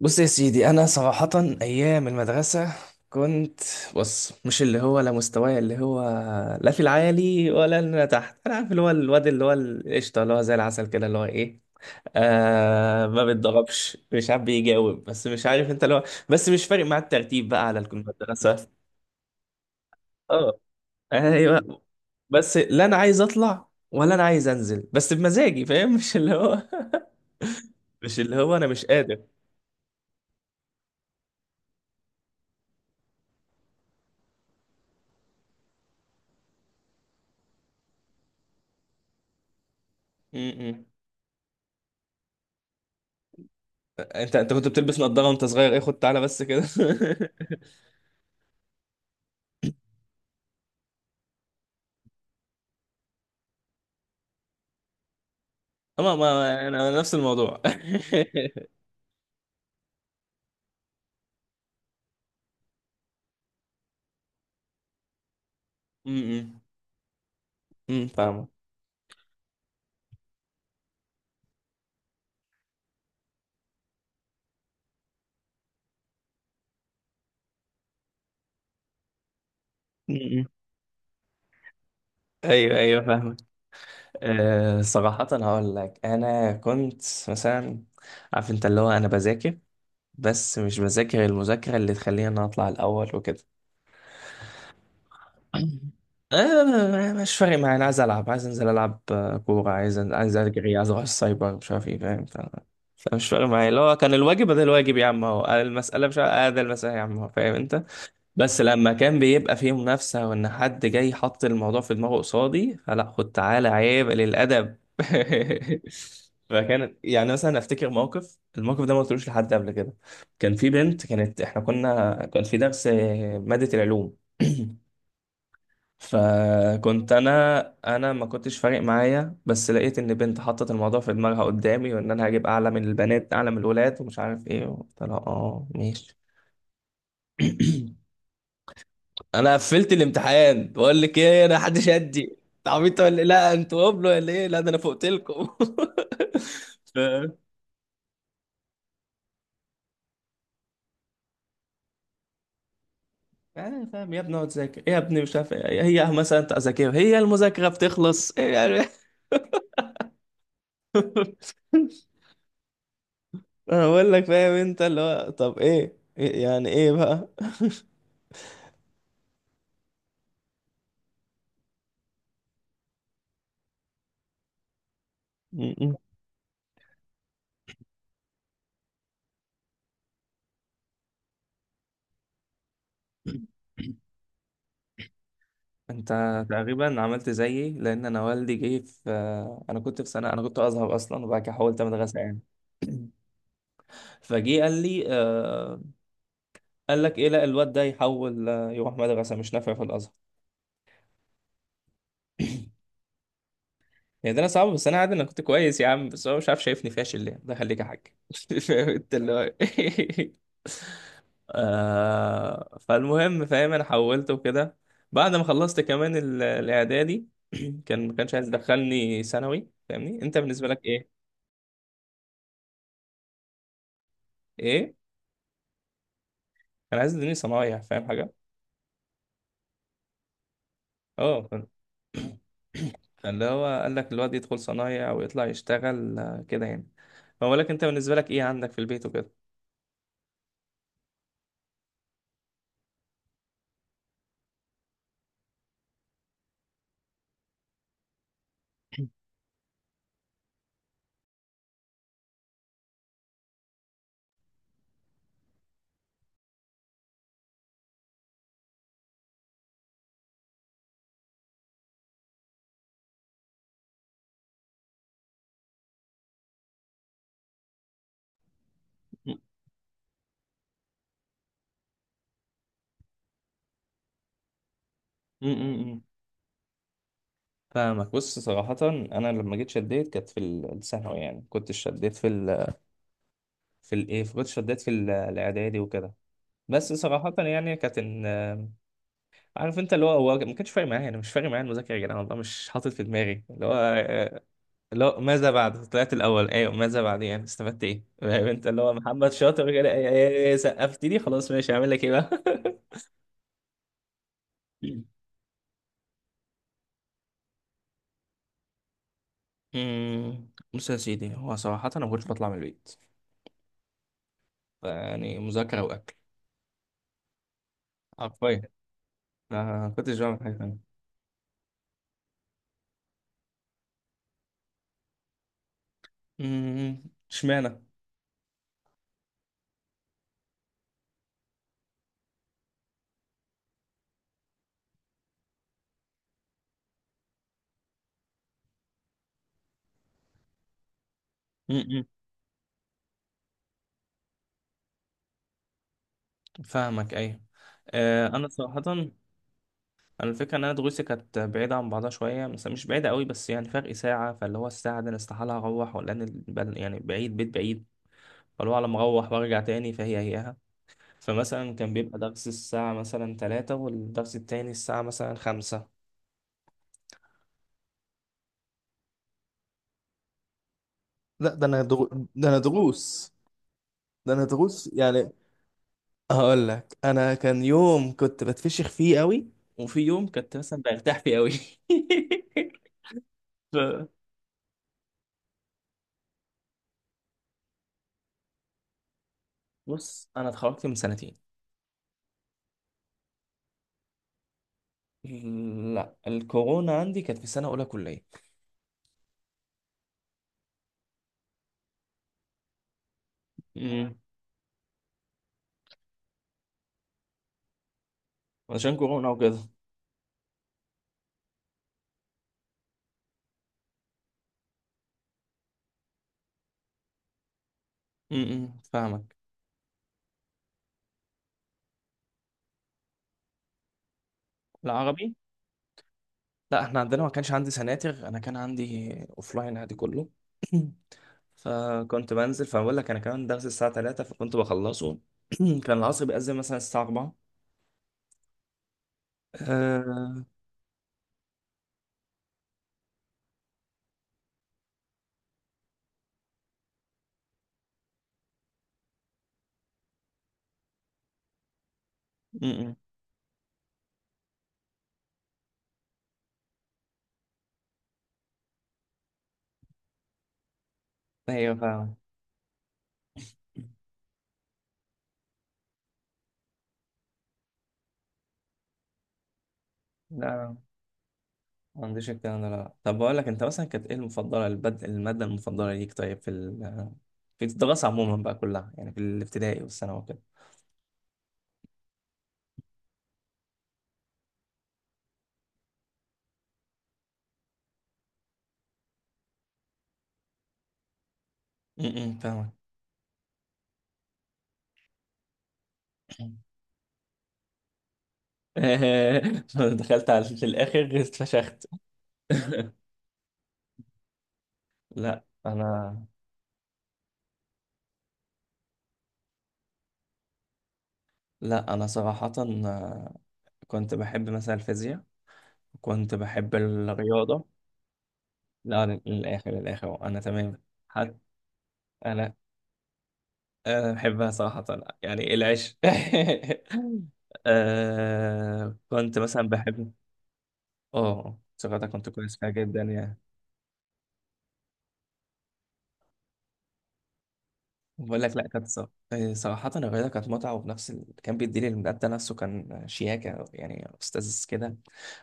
بص يا سيدي، انا صراحة ايام المدرسة كنت. بص، مش اللي هو، لا مستواي اللي هو لا في العالي ولا اللي أنا تحت. انا عارف اللي هو الواد اللي هو القشطة، اللي هو زي العسل كده، اللي هو ايه، ما بيتضربش، مش عارف بيجاوب، بس مش عارف انت اللي هو. بس مش فارق مع الترتيب بقى على المدرسة. اه، ايوه. بس لا انا عايز اطلع ولا انا عايز انزل، بس بمزاجي، فاهم مش اللي هو. مش اللي هو انا مش قادر. م- م. انت كنت بتلبس نظارة وانت صغير، ايه، خد تعالى بس كده. اما ما انا نفس الموضوع. امم فاهمك. امم ايوه ايوه فاهمك. صراحة هقول لك انا كنت مثلا. عارف انت اللي هو انا بذاكر، بس مش بذاكر المذاكرة اللي تخليني انا اطلع الاول وكده. مش فارق معايا، انا عايز العب، عايز انزل العب، كوره، عايز اجري، عايز اروح السايبر، مش عارف ايه، فاهم. فمش فارق معايا اللي هو. كان الواجب ده الواجب يا عم اهو، المساله، مش عارف- آه ده المساله يا عم اهو، فاهم انت. بس لما كان بيبقى فيه منافسه وان حد جاي حط الموضوع في دماغه قصادي، فلا، خد تعالى، عيب للادب. فكان يعني مثلا افتكر الموقف ده ما قلتلوش لحد قبل كده. كان في بنت، كانت احنا كنا كان في درس، ماده العلوم. فكنت انا، ما كنتش فارق معايا، بس لقيت ان بنت حطت الموضوع في دماغها قدامي، وان انا هجيب اعلى من البنات اعلى من الولاد ومش عارف ايه. قلت لها اه ماشي. انا قفلت الامتحان، بقول لك ايه، انا حدش يدي. انت عبيط ولا إيه؟ لا انتوا قبلوا ولا ايه؟ لا، ده انا فوقت لكم. ف... آه، فاهم يا ابني، اقعد ذاكر إيه يا ابني، مش عارف إيه. هي مثلا انت اذاكرها، هي المذاكره بتخلص إيه يعني؟ انا بقول لك، فاهم انت اللي هو، طب ايه، إيه يعني ايه بقى؟ م-م. انت تقريبا عملت زيي، لان انا والدي جه انا كنت في سنه انا كنت ازهر اصلا، وبعد كده حولت مدرسه يعني. فجه قال لي، قال لك ايه، لا، الواد ده يحول، يروح مدرسه، مش نافع في الازهر يعني. ده انا صعب، بس انا عادي، انا كنت كويس يا عم، بس هو مش عارف شايفني فاشل ليه، ده خليك يا حاج. فاهم انت اللي هو إيه؟ فالمهم، فاهم، انا حولت وكده. بعد ما خلصت كمان الاعدادي، ما كانش عايز يدخلني ثانوي، فاهمني انت بالنسبه لك إيه؟ ايه. كان عايز يديني صنايع، فاهم حاجه. اه. فاللي هو قال لك الواد يدخل صنايع ويطلع يشتغل كده يعني. فبقول لك انت بالنسبه لك ايه عندك في البيت وكده. م- م. فاهمك. بص صراحه، انا لما جيت شديت كانت في الثانوي. يعني كنت شديت في الايه، كنت شديت في الاعدادي وكده. بس صراحه يعني كانت عارف انت اللي هو هو ما كانش فارق معايا، انا مش فارق معايا المذاكره يا جدعان، والله مش حاطط في دماغي اللي هو، لا، ماذا بعد طلعت الاول؟ ايوه، ماذا بعد؟ يعني استفدت ايه؟ فاهم انت اللي هو، محمد شاطر كده، إيه، إيه، إيه، سقفت لي خلاص ماشي، هعمل لك ايه بقى؟ بص يا سيدي، هو صراحة أنا ما كنتش بطلع من البيت، يعني مذاكرة وأكل، حرفيا ما كنتش بعمل حاجة تانية. أمم، اشمعنى. أمم، فاهمك أيوة. أنا صراحة، أنا الفكرة إن أنا دروسي كانت بعيدة عن بعضها شوية، بس مش بعيدة قوي، بس يعني فرق ساعة. فاللي هو الساعة دي أنا استحالة أروح، ولا أنا يعني بعيد، بيت بعيد. فاللي هو على ما اروح وارجع تاني فهي هيها. فمثلا كان بيبقى درس الساعة مثلا 3، والدرس التاني الساعة مثلا 5. لا، ده انا ده انا دروس، ده انا دروس يعني. هقول لك، انا كان يوم كنت بتفشخ فيه قوي، وفي يوم كنت مثلا برتاح فيه قوي. ف- بص، انا اتخرجت من سنتين. لا، الكورونا عندي كانت في سنه اولى كليه. امم عشان كورونا وكده. فاهمك. العربي لا احنا عندنا ما كانش عندي سناتر، انا كان عندي اوفلاين عادي كله. فكنت بنزل، فبقول لك انا كمان درس الساعه 3 فكنت بخلصه. كان العصر بيأذن مثلا الساعه 4. أه... م-م. ايوه فاهم. لا لا، ما عنديش الكلام ده. لا، طب بقول لك انت مثلا كانت ايه المفضله، الماده المفضله ليك طيب في في الدراسه عموما بقى كلها، يعني في الابتدائي والثانوي وكده. م-م، فاهمك. دخلت على في الاخر اتفشخت. لا انا. لا أنا صراحة، آه، كنت بحب مثلا الفيزياء، كنت بحب الرياضة. لا، للآخر، للآخر أنا تمام. حتى أنا، بحبها صراحة يعني. إيه العيش. كنت مثلا بحب. اه صراحة كنت كويس فيها جدا يعني. بقول لك لا، كانت صراحة الرياضة كانت متعة، وفي نفس كان بيدي لي المدى نفسه، كان شياكة يعني، أستاذ كده.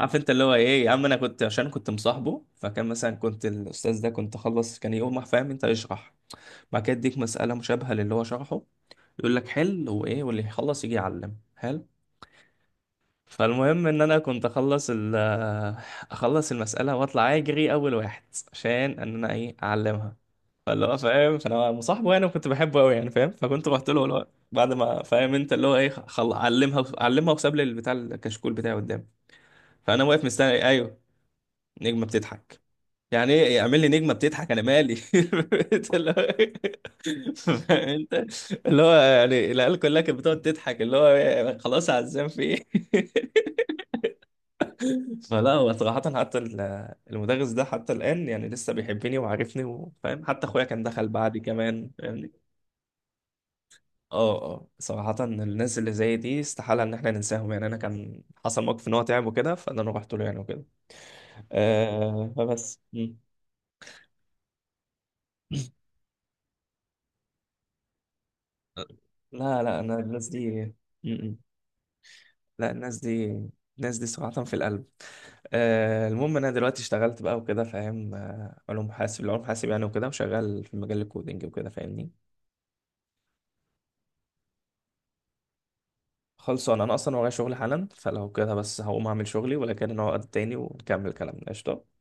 عارف أنت اللي هو إيه يا عم، أنا كنت عشان كنت مصاحبه، فكان مثلا كنت الأستاذ ده كنت أخلص، كان يقوم راح، فاهم أنت، يشرح. بعد كده يديك مسألة مشابهة للي هو شرحه، يقول لك حل وإيه، واللي يخلص يجي يعلم حلو. فالمهم ان انا كنت اخلص اخلص المساله واطلع اجري اول واحد عشان ان انا ايه، اعلمها. فاللي هو فاهم، فانا مصاحبه يعني وكنت بحبه قوي يعني، فاهم. فكنت رحت له اللي هو بعد ما، فاهم انت اللي هو ايه، علمها علمها، وساب لي البتاع، الكشكول بتاعي قدامي. فانا واقف مستني، ايوه، نجمه بتضحك. يعني ايه اعمل لي نجمه بتضحك؟ انا مالي؟ انت اللي هو فاهم. انت اللي هو يعني العيال كلها كانت بتقعد تضحك، اللي هو إيه، خلاص، عزام في ايه. فلا، هو صراحة حتى المدرس ده حتى الآن يعني لسه بيحبني وعارفني وفاهم، حتى أخويا كان دخل بعدي كمان فاهمني. اه اه، صراحة الناس اللي زي دي استحالة إن احنا ننساهم يعني. أنا كان حصل موقف إن هو تعب وكده، فأنا رحت له يعني وكده. فبس، مم. لا لا، أنا الناس دي، مم. لا، الناس دي، الناس دي صراحة في القلب. المهم أنا دلوقتي اشتغلت بقى وكده، فاهم، علوم حاسب العلوم حاسب يعني وكده، وشغال في مجال الكودينج وكده، فاهمني. خلصان انا اصلا، ورايا شغل حالا، فلو كده بس هقوم اعمل شغلي، ولكن نقعد تاني ونكمل كلامنا قشطة.